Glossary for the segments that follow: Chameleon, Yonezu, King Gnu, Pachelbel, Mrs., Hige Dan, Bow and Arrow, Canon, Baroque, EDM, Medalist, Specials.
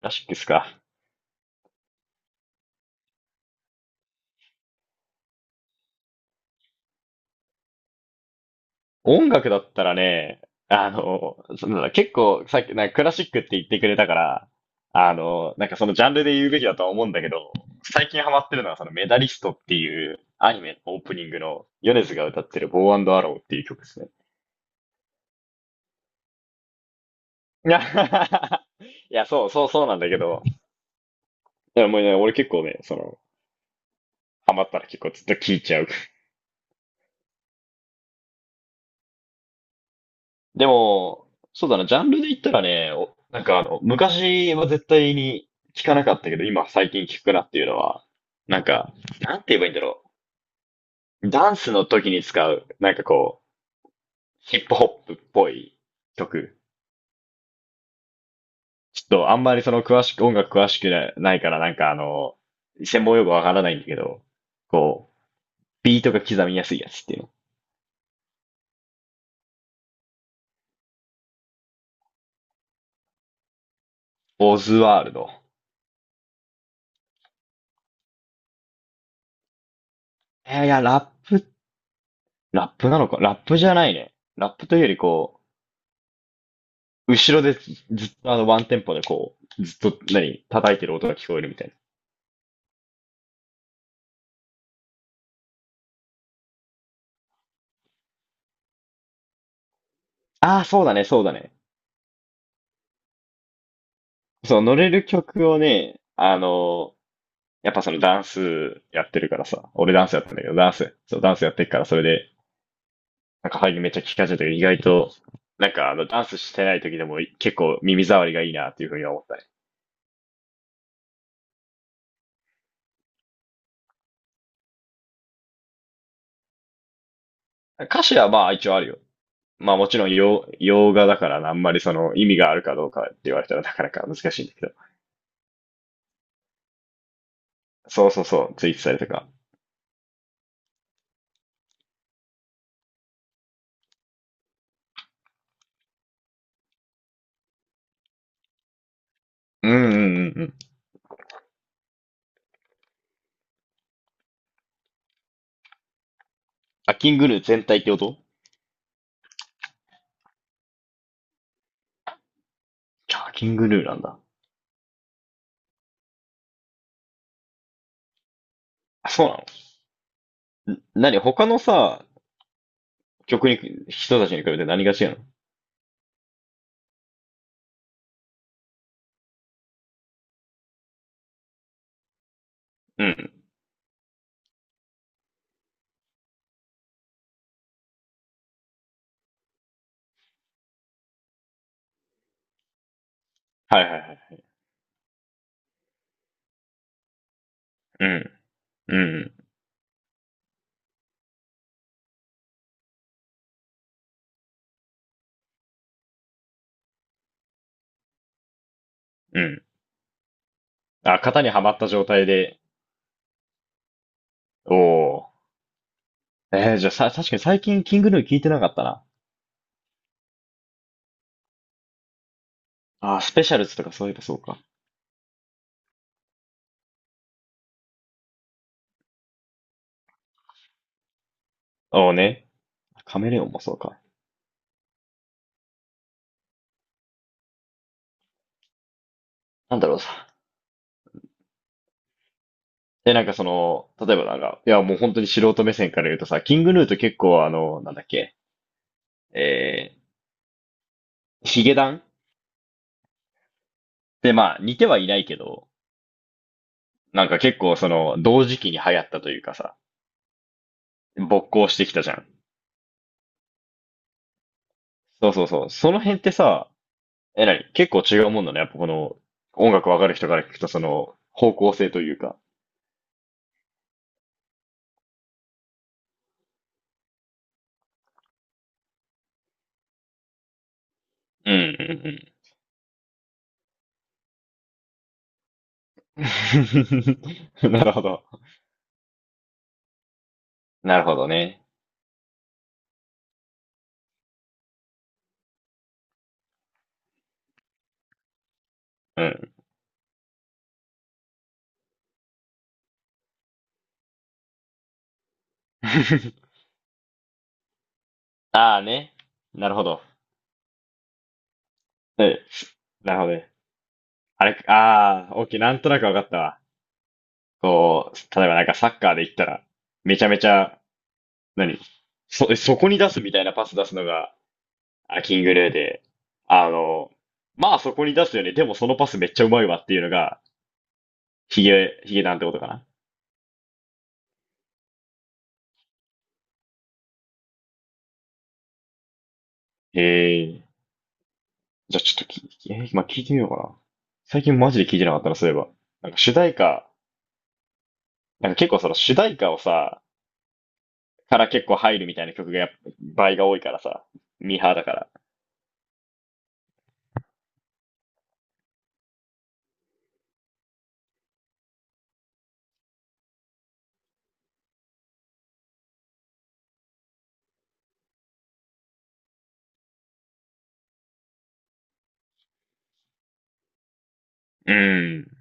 クラシックっすか。音楽だったらね、そなんだ、結構さっき、なんかクラシックって言ってくれたから、なんかそのジャンルで言うべきだとは思うんだけど、最近ハマってるのはそのメダリストっていうアニメのオープニングのヨネズが歌ってるボーアンドアローっていう曲ですね。いや、いや、そう、そう、そうなんだけど、いや、もうね、俺結構ね、ハマったら結構ずっと聴いちゃう。でも、そうだな、ジャンルで言ったらね、なんか、昔は絶対に聞かなかったけど、今最近聞くなっていうのは、なんか、なんて言えばいいんだろう。ダンスの時に使う、なんかこう、ヒップホップっぽい曲。ちょっとあんまりその詳しく、音楽詳しくなないから、なんか、専門用語わからないんだけど、こう、ビートが刻みやすいやつっていうの。オズワールド。いや、ラップなのかラップじゃないね。ラップというよりこう、後ろでずっとワンテンポでこう、ずっと何、叩いてる音が聞こえるみたいな。ああ、そうだね、そうだね。そう、乗れる曲をね、やっぱそのダンスやってるからさ、俺ダンスやってんだけど、ダンス、そう、ダンスやってるから、それで、なんか配慮めっちゃ聞かせゃるけど、意外と、なんか、ダンスしてない時でも結構耳障りがいいなっていうふうには思ったね。歌詞はまあ一応あるよ。まあもちろん洋画だからあんまりその意味があるかどうかって言われたらなかなか難しいんだけど。そうそうそう、ツイッタされたか。うんうんうんうん。あ、キングヌー全体ってこと？あ、キングヌーなんだ。あ、そうなの？ん、何他のさ、曲に、人たちに比べて何が違うの？うん。はいはいはい。うん。うん。うん。あ、型にはまった状態で。おお。じゃあさ、確かに最近キングヌー聞いてなかったな。あ、スペシャルズとかそういえばそうか。おおね。カメレオンもそうか。なんだろうさ。え、なんかその、例えばなんか、いやもう本当に素人目線から言うとさ、キングヌーと結構なんだっけ、えヒゲダンってまあ似てはいないけど、なんか結構その、同時期に流行ったというかさ、勃興してきたじゃん。そうそうそう。その辺ってさ、え、なに結構違うもんだね。やっぱこの、音楽わかる人から聞くとその、方向性というか。うんうんうん。なるほど。なるほどね。うん。ああね。なるほど。え、なるほどね。あれ、ああ、オッケー、OK なんとなくわかったわ。こう、例えばなんかサッカーで言ったら、めちゃめちゃ、何、そこに出すみたいなパス出すのが、あ、キングレーで、あの、まあそこに出すよね。でもそのパスめっちゃうまいわっていうのが、ヒゲなんてことかな。へえー。じゃあちょっとき、えー、今聞いてみようかな。最近マジで聞いてなかったな、そういえば。なんか主題歌、なんか結構その主題歌をさ、から結構入るみたいな曲がやっぱ倍が多いからさ、ミーハーだから。うん。い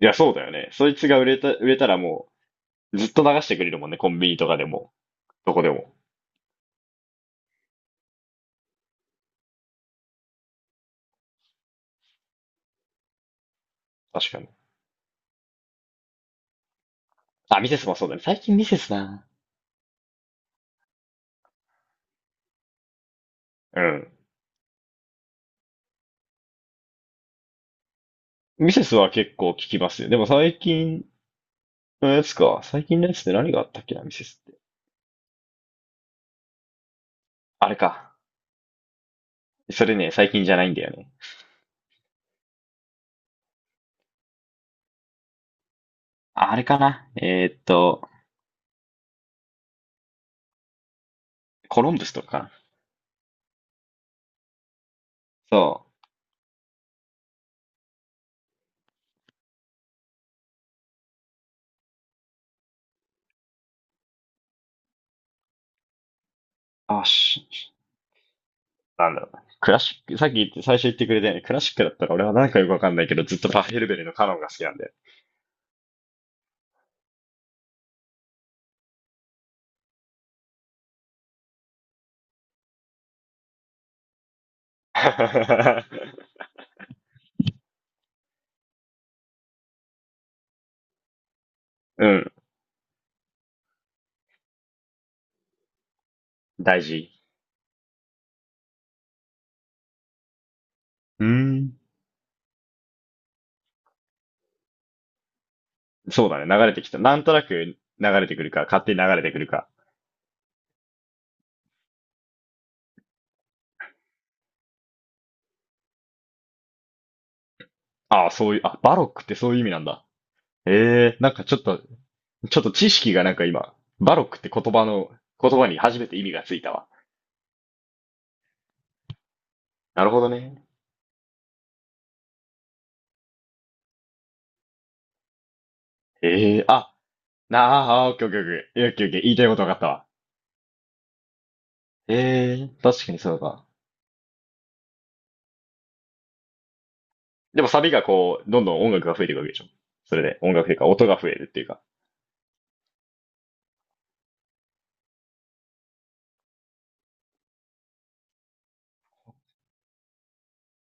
や、そうだよね。そいつが売れたらもう、ずっと流してくれるもんね、コンビニとかでも、どこでも。確かに。あ、ミセスもそうだね。最近ミセスな。うん。ミセスは結構聞きますよ。でも最近のやつか。最近のやつって何があったっけな、ミセスって。あれか。それね、最近じゃないんだよね。ああれかな。コロンブスとかかな。そう。あ、なんだろうな。クラシック、さっき言って、最初言ってくれたよね。クラシックだったら俺はなんかよくわかんないけど、ずっとパヘルベルのカノンが好きなんで。うん。大事。うーん。そうだね。流れてきた。なんとなく流れてくるか、勝手に流れてくるか。ああ、そういう、あ、バロックってそういう意味なんだ。ええ、なんかちょっと知識がなんか今、バロックって言葉に初めて意味がついたわ。なるほどね。ええー、あ、なあ、あ、オッケーオッケーオッケー。オッケーオッケー。言いたいこと分かったわ。ええー、確かにそうだ。でもサビがこう、どんどん音楽が増えていくわけでしょ。それで、音楽というか、音が増えるっていうか。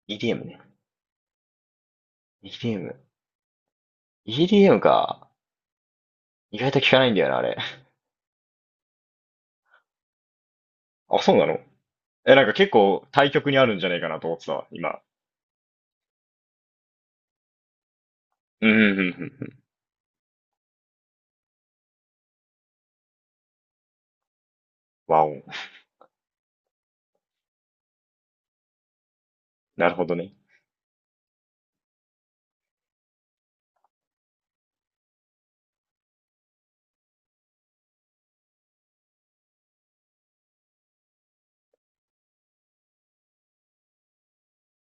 EDM ね。EDM。EDM か。意外と聞かないんだよな、あれ。あ、そうなの？え、なんか結構対極にあるんじゃないかなと思ってたわ、今。うん、うん、うん、うん。わお。なるほどね。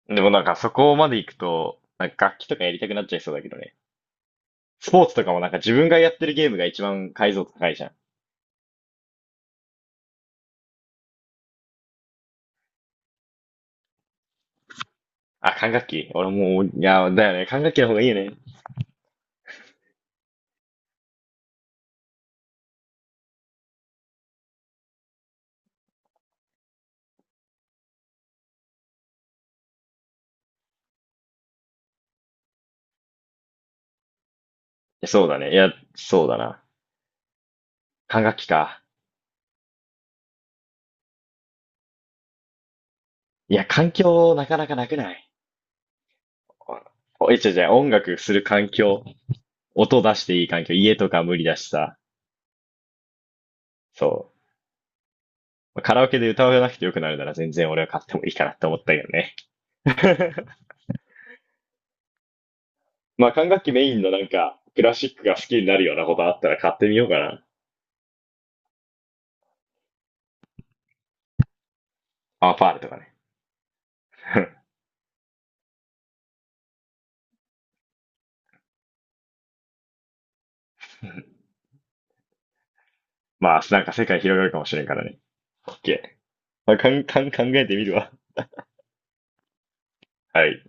でもなんかそこまで行くと、なんか楽器とかやりたくなっちゃいそうだけどね。スポーツとかもなんか自分がやってるゲームが一番解像度高いじゃん。あ、管楽器俺もう、いや、だよね。管楽器の方がいいよね。いや、そうだね。いや、そうだな。管楽器か。いや、環境なかなかなくない？おえ、違う違う、音楽する環境。音出していい環境。家とか無理だしさ。そう。カラオケで歌わなくてよくなるなら全然俺は買ってもいいかなって思ったけどね。まあ管楽器メインのなんか、クラシックが好きになるようなことあったら買ってみようかな。アンファールとかね。まあ、なんか世界広がるかもしれんからね。OK。まあ、かんかん考えてみるわ。はい。